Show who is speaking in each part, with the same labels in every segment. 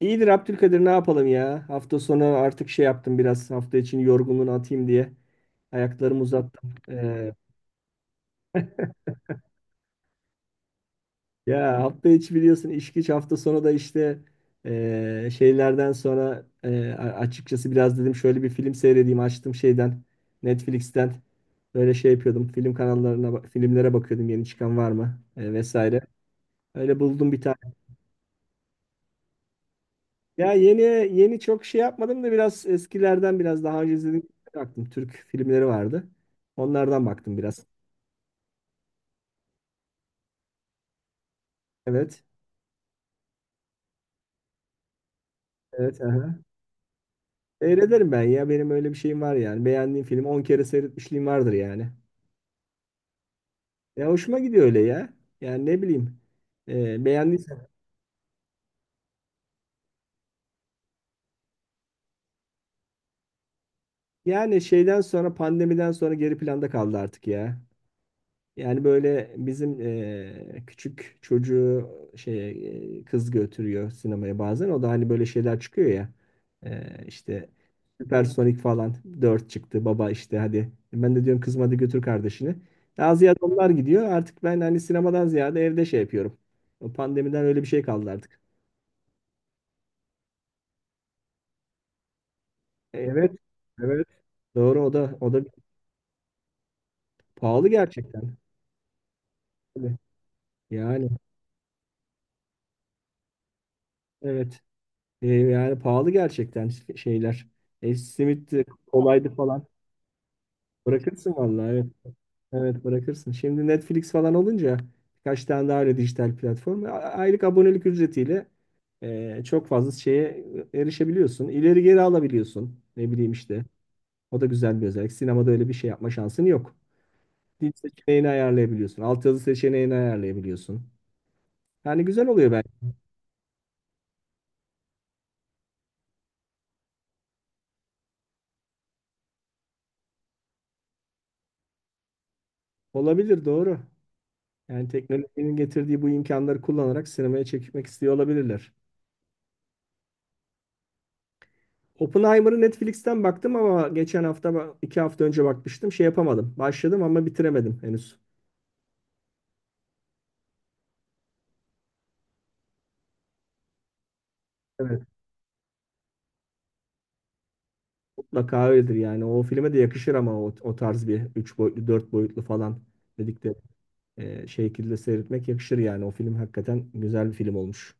Speaker 1: İyidir Abdülkadir ne yapalım ya? Hafta sonu artık şey yaptım biraz hafta için yorgunluğunu atayım diye. Ayaklarımı uzattım. Ya hafta içi biliyorsun iş güç hafta sonu da işte şeylerden sonra açıkçası biraz dedim şöyle bir film seyredeyim açtım şeyden Netflix'ten böyle şey yapıyordum film kanallarına filmlere bakıyordum yeni çıkan var mı vesaire. Öyle buldum bir tane. Ya yeni yeni çok şey yapmadım da biraz eskilerden biraz daha önce izlediğim baktım. Türk filmleri vardı. Onlardan baktım biraz. Evet. Evet. Aha. Seyrederim ben ya. Benim öyle bir şeyim var yani. Beğendiğim filmi 10 kere seyretmişliğim vardır yani. Ya hoşuma gidiyor öyle ya. Yani ne bileyim. Beğendiysen. Yani şeyden sonra pandemiden sonra geri planda kaldı artık ya. Yani böyle bizim küçük çocuğu şey kız götürüyor sinemaya bazen. O da hani böyle şeyler çıkıyor ya. İşte Süpersonik falan 4 çıktı. Baba işte hadi. Ben de diyorum kızım hadi götür kardeşini. Daha ziyade onlar gidiyor. Artık ben hani sinemadan ziyade evde şey yapıyorum. O pandemiden öyle bir şey kaldı artık. Evet. Evet. Doğru o da pahalı gerçekten. Tabii. Yani evet. Yani pahalı gerçekten şeyler. Simitti, kolaydı falan. Bırakırsın vallahi evet. Evet bırakırsın. Şimdi Netflix falan olunca birkaç tane daha öyle dijital platform. Aylık abonelik ücretiyle çok fazla şeye erişebiliyorsun. İleri geri alabiliyorsun. Ne bileyim işte. O da güzel bir özellik. Sinemada öyle bir şey yapma şansın yok. Dil seçeneğini ayarlayabiliyorsun. Altyazı seçeneğini ayarlayabiliyorsun. Yani güzel oluyor bence. Olabilir doğru. Yani teknolojinin getirdiği bu imkanları kullanarak sinemaya çekmek istiyor olabilirler. Oppenheimer'ı Netflix'ten baktım ama geçen hafta, 2 hafta önce bakmıştım. Şey yapamadım. Başladım ama bitiremedim henüz. Evet. Mutlaka öyledir yani. O filme de yakışır ama o tarz bir 3 boyutlu, 4 boyutlu falan dedikleri şekilde seyretmek yakışır yani. O film hakikaten güzel bir film olmuş.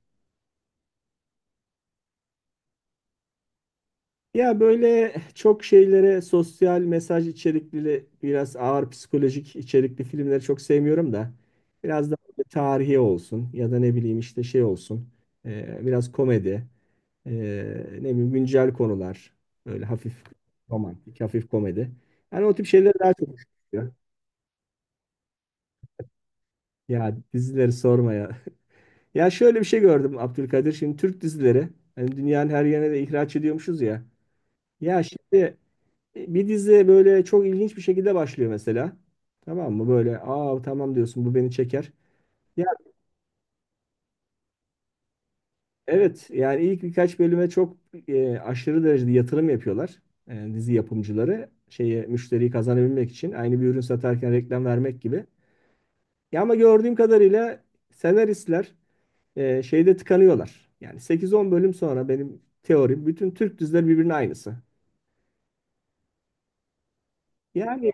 Speaker 1: Ya böyle çok şeylere sosyal mesaj içerikli biraz ağır psikolojik içerikli filmleri çok sevmiyorum da biraz da tarihi olsun ya da ne bileyim işte şey olsun biraz komedi ee, ne bileyim güncel konular böyle hafif romantik hafif komedi yani o tip şeyler daha çok hoşuma gidiyor. Ya dizileri sorma ya. Ya şöyle bir şey gördüm Abdülkadir, şimdi Türk dizileri hani dünyanın her yerine de ihraç ediyormuşuz ya. Ya şimdi bir dizi böyle çok ilginç bir şekilde başlıyor mesela. Tamam mı? Böyle aa tamam diyorsun bu beni çeker. Ya evet yani ilk birkaç bölüme çok aşırı derecede yatırım yapıyorlar. Dizi yapımcıları şeye müşteriyi kazanabilmek için aynı bir ürün satarken reklam vermek gibi. Ya ama gördüğüm kadarıyla senaristler şeyde tıkanıyorlar. Yani 8-10 bölüm sonra benim teorim bütün Türk dizileri birbirine aynısı. Yani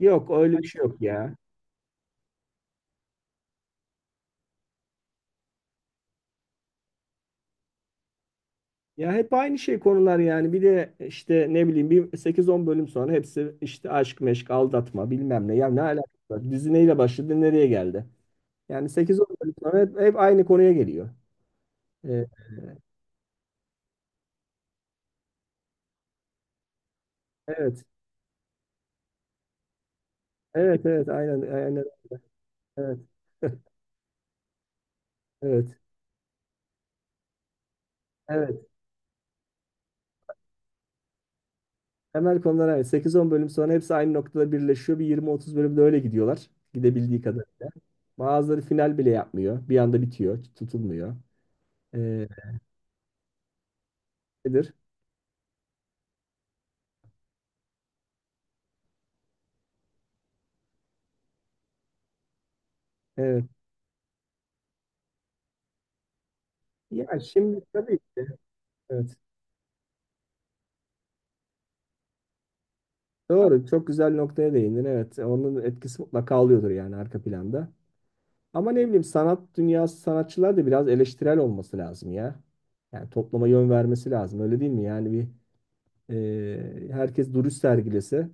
Speaker 1: yok öyle bir şey yok ya. Ya hep aynı şey konular yani. Bir de işte ne bileyim bir 8-10 bölüm sonra hepsi işte aşk meşk aldatma bilmem ne. Ya ne alakası var? Dizi neyle başladı nereye geldi? Yani 8-10 bölüm sonra hep aynı konuya geliyor. Ee, evet. Evet evet aynen aynen evet evet evet. Temel konular aynı. 8-10 bölüm sonra hepsi aynı noktada birleşiyor. Bir 20-30 bölümde öyle gidiyorlar. Gidebildiği kadarıyla. Bazıları final bile yapmıyor. Bir anda bitiyor, tutulmuyor. Ee, nedir? Evet. Ya şimdi tabii ki. Evet. Doğru. Çok güzel noktaya değindin. Evet. Onun etkisi mutlaka oluyordur yani arka planda. Ama ne bileyim sanat dünyası sanatçılar da biraz eleştirel olması lazım ya. Yani topluma yön vermesi lazım. Öyle değil mi? Yani bir herkes duruş sergilese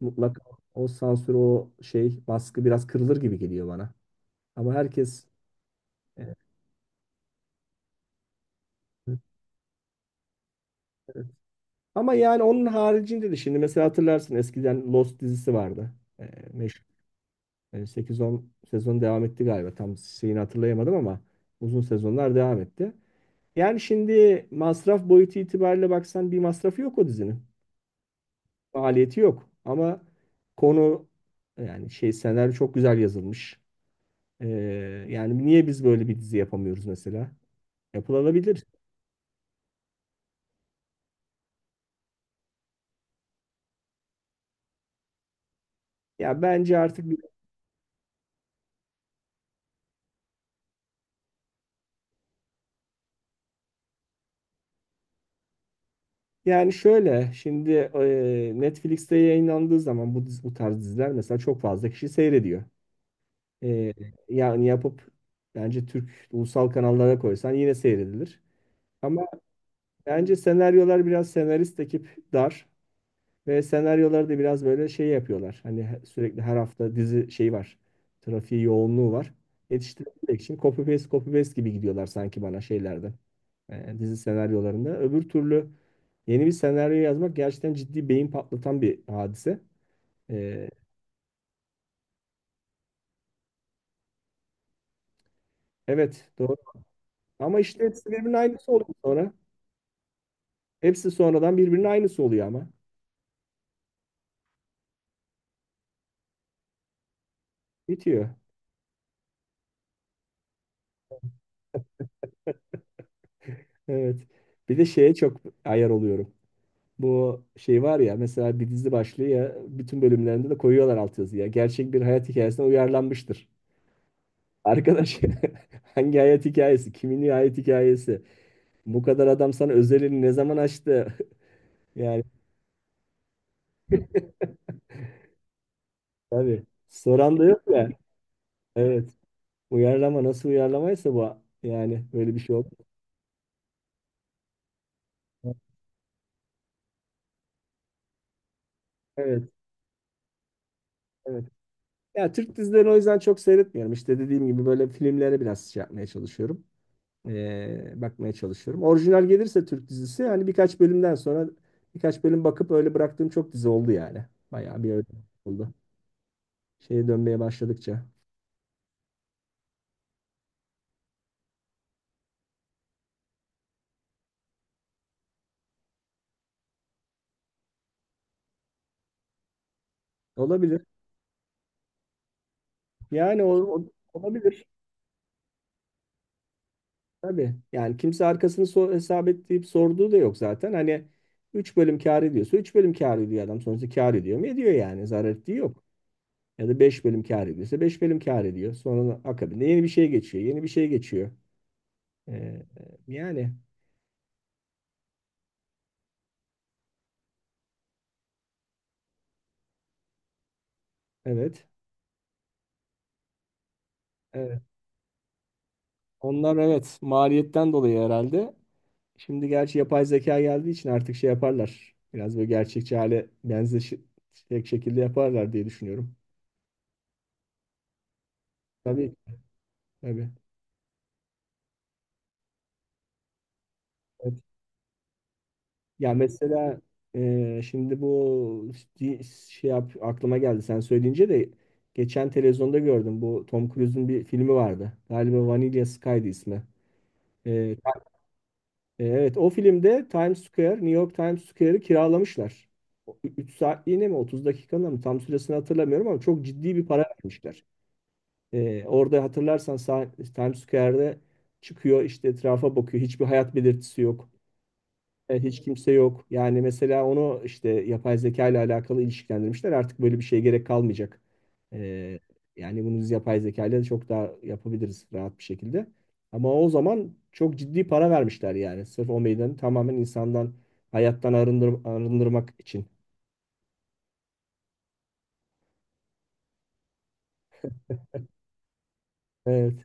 Speaker 1: mutlaka o sansür o şey baskı biraz kırılır gibi geliyor bana. Ama herkes e, ama yani onun haricinde de şimdi mesela hatırlarsın eskiden Lost dizisi vardı. E, meşhur. 8-10 sezon devam etti galiba. Tam şeyini hatırlayamadım ama uzun sezonlar devam etti. Yani şimdi masraf boyutu itibariyle baksan bir masrafı yok o dizinin. Maliyeti yok. Ama konu yani şey senaryo çok güzel yazılmış. E, yani niye biz böyle bir dizi yapamıyoruz mesela? Yapılabilir. Ya bence artık yani şöyle şimdi Netflix'te yayınlandığı zaman bu tarz diziler mesela çok fazla kişi seyrediyor. Ee, yani yapıp bence Türk ulusal kanallara koysan yine seyredilir. Ama bence senaryolar biraz senarist ekip dar ve senaryoları da biraz böyle şey yapıyorlar. Hani sürekli her hafta dizi şey var. Trafiği yoğunluğu var. Yetiştirebilmek için copy paste copy paste gibi gidiyorlar sanki bana şeylerde. Dizi senaryolarında. Öbür türlü yeni bir senaryo yazmak gerçekten ciddi beyin patlatan bir hadise. Ee, evet doğru. Ama işte hepsi birbirinin aynısı oluyor sonra. Hepsi sonradan birbirinin aynısı oluyor ama. Bitiyor. Evet. Bir de şeye çok ayar oluyorum. Bu şey var ya mesela bir dizi başlıyor ya bütün bölümlerinde de koyuyorlar altyazıya. Gerçek bir hayat hikayesine uyarlanmıştır. Arkadaş hangi hayat hikayesi? Kimin hayat hikayesi? Bu kadar adam sana özelini ne zaman açtı? Yani tabii. Soran da yok ya. Evet. Uyarlama nasıl uyarlamaysa bu yani böyle bir şey oldu. Evet. Evet. Ya Türk dizilerini o yüzden çok seyretmiyorum. İşte dediğim gibi böyle filmlere biraz şey yapmaya çalışıyorum. Bakmaya çalışıyorum. Orijinal gelirse Türk dizisi hani birkaç bölümden sonra birkaç bölüm bakıp öyle bıraktığım çok dizi oldu yani. Bayağı bir öyle oldu. Şeye dönmeye başladıkça. Olabilir. Yani olabilir tabii. Yani kimse arkasını hesap ettiğip sorduğu da yok zaten. Hani 3 bölüm kâr ediyorsa 3 bölüm kâr ediyor adam. Sonuçta kâr ediyor mu? Ediyor yani. Zarar ettiği yok. Ya da 5 bölüm kâr ediyorsa 5 bölüm kâr ediyor. Sonra akabinde yeni bir şey geçiyor. Yeni bir şey geçiyor. Ee, yani evet. Evet. Onlar, evet, maliyetten dolayı herhalde. Şimdi gerçi yapay zeka geldiği için artık şey yaparlar. Biraz böyle gerçekçi hale benzeşecek şekilde yaparlar diye düşünüyorum. Tabii. Tabii. Evet. Ya mesela şimdi bu şey yap, aklıma geldi sen söyleyince de geçen televizyonda gördüm bu Tom Cruise'un bir filmi vardı. Galiba Vanilla Sky'dı ismi. E, evet o filmde Times Square, New York Times Square'ı kiralamışlar. 3 saatliğine mi 30 dakikada mı tam süresini hatırlamıyorum ama çok ciddi bir para vermişler. Orada hatırlarsan Times Square'de çıkıyor işte etrafa bakıyor hiçbir hayat belirtisi yok. Evet, hiç kimse yok. Yani mesela onu işte yapay zeka ile alakalı ilişkilendirmişler. Artık böyle bir şeye gerek kalmayacak. Ee, yani bunu biz yapay zeka ile çok daha yapabiliriz rahat bir şekilde. Ama o zaman çok ciddi para vermişler yani. Sırf o meydanı tamamen insandan, hayattan arındırmak için. Evet.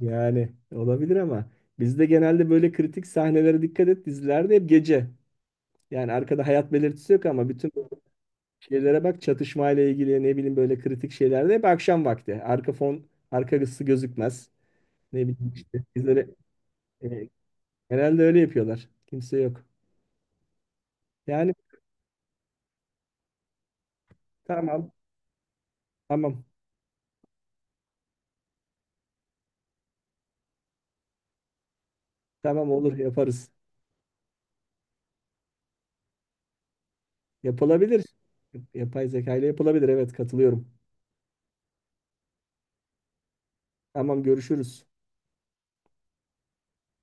Speaker 1: Yani olabilir ama bizde genelde böyle kritik sahnelere dikkat et dizilerde hep gece. Yani arkada hayat belirtisi yok ama bütün şeylere bak çatışmayla ilgili ne bileyim böyle kritik şeylerde hep akşam vakti. Arka fon, arka ısı gözükmez. Ne bileyim işte bizlere e, genelde öyle yapıyorlar. Kimse yok. Yani tamam, tamam, tamam, olur yaparız. Yapılabilir. Yapay zeka ile yapılabilir, evet, katılıyorum. Tamam görüşürüz.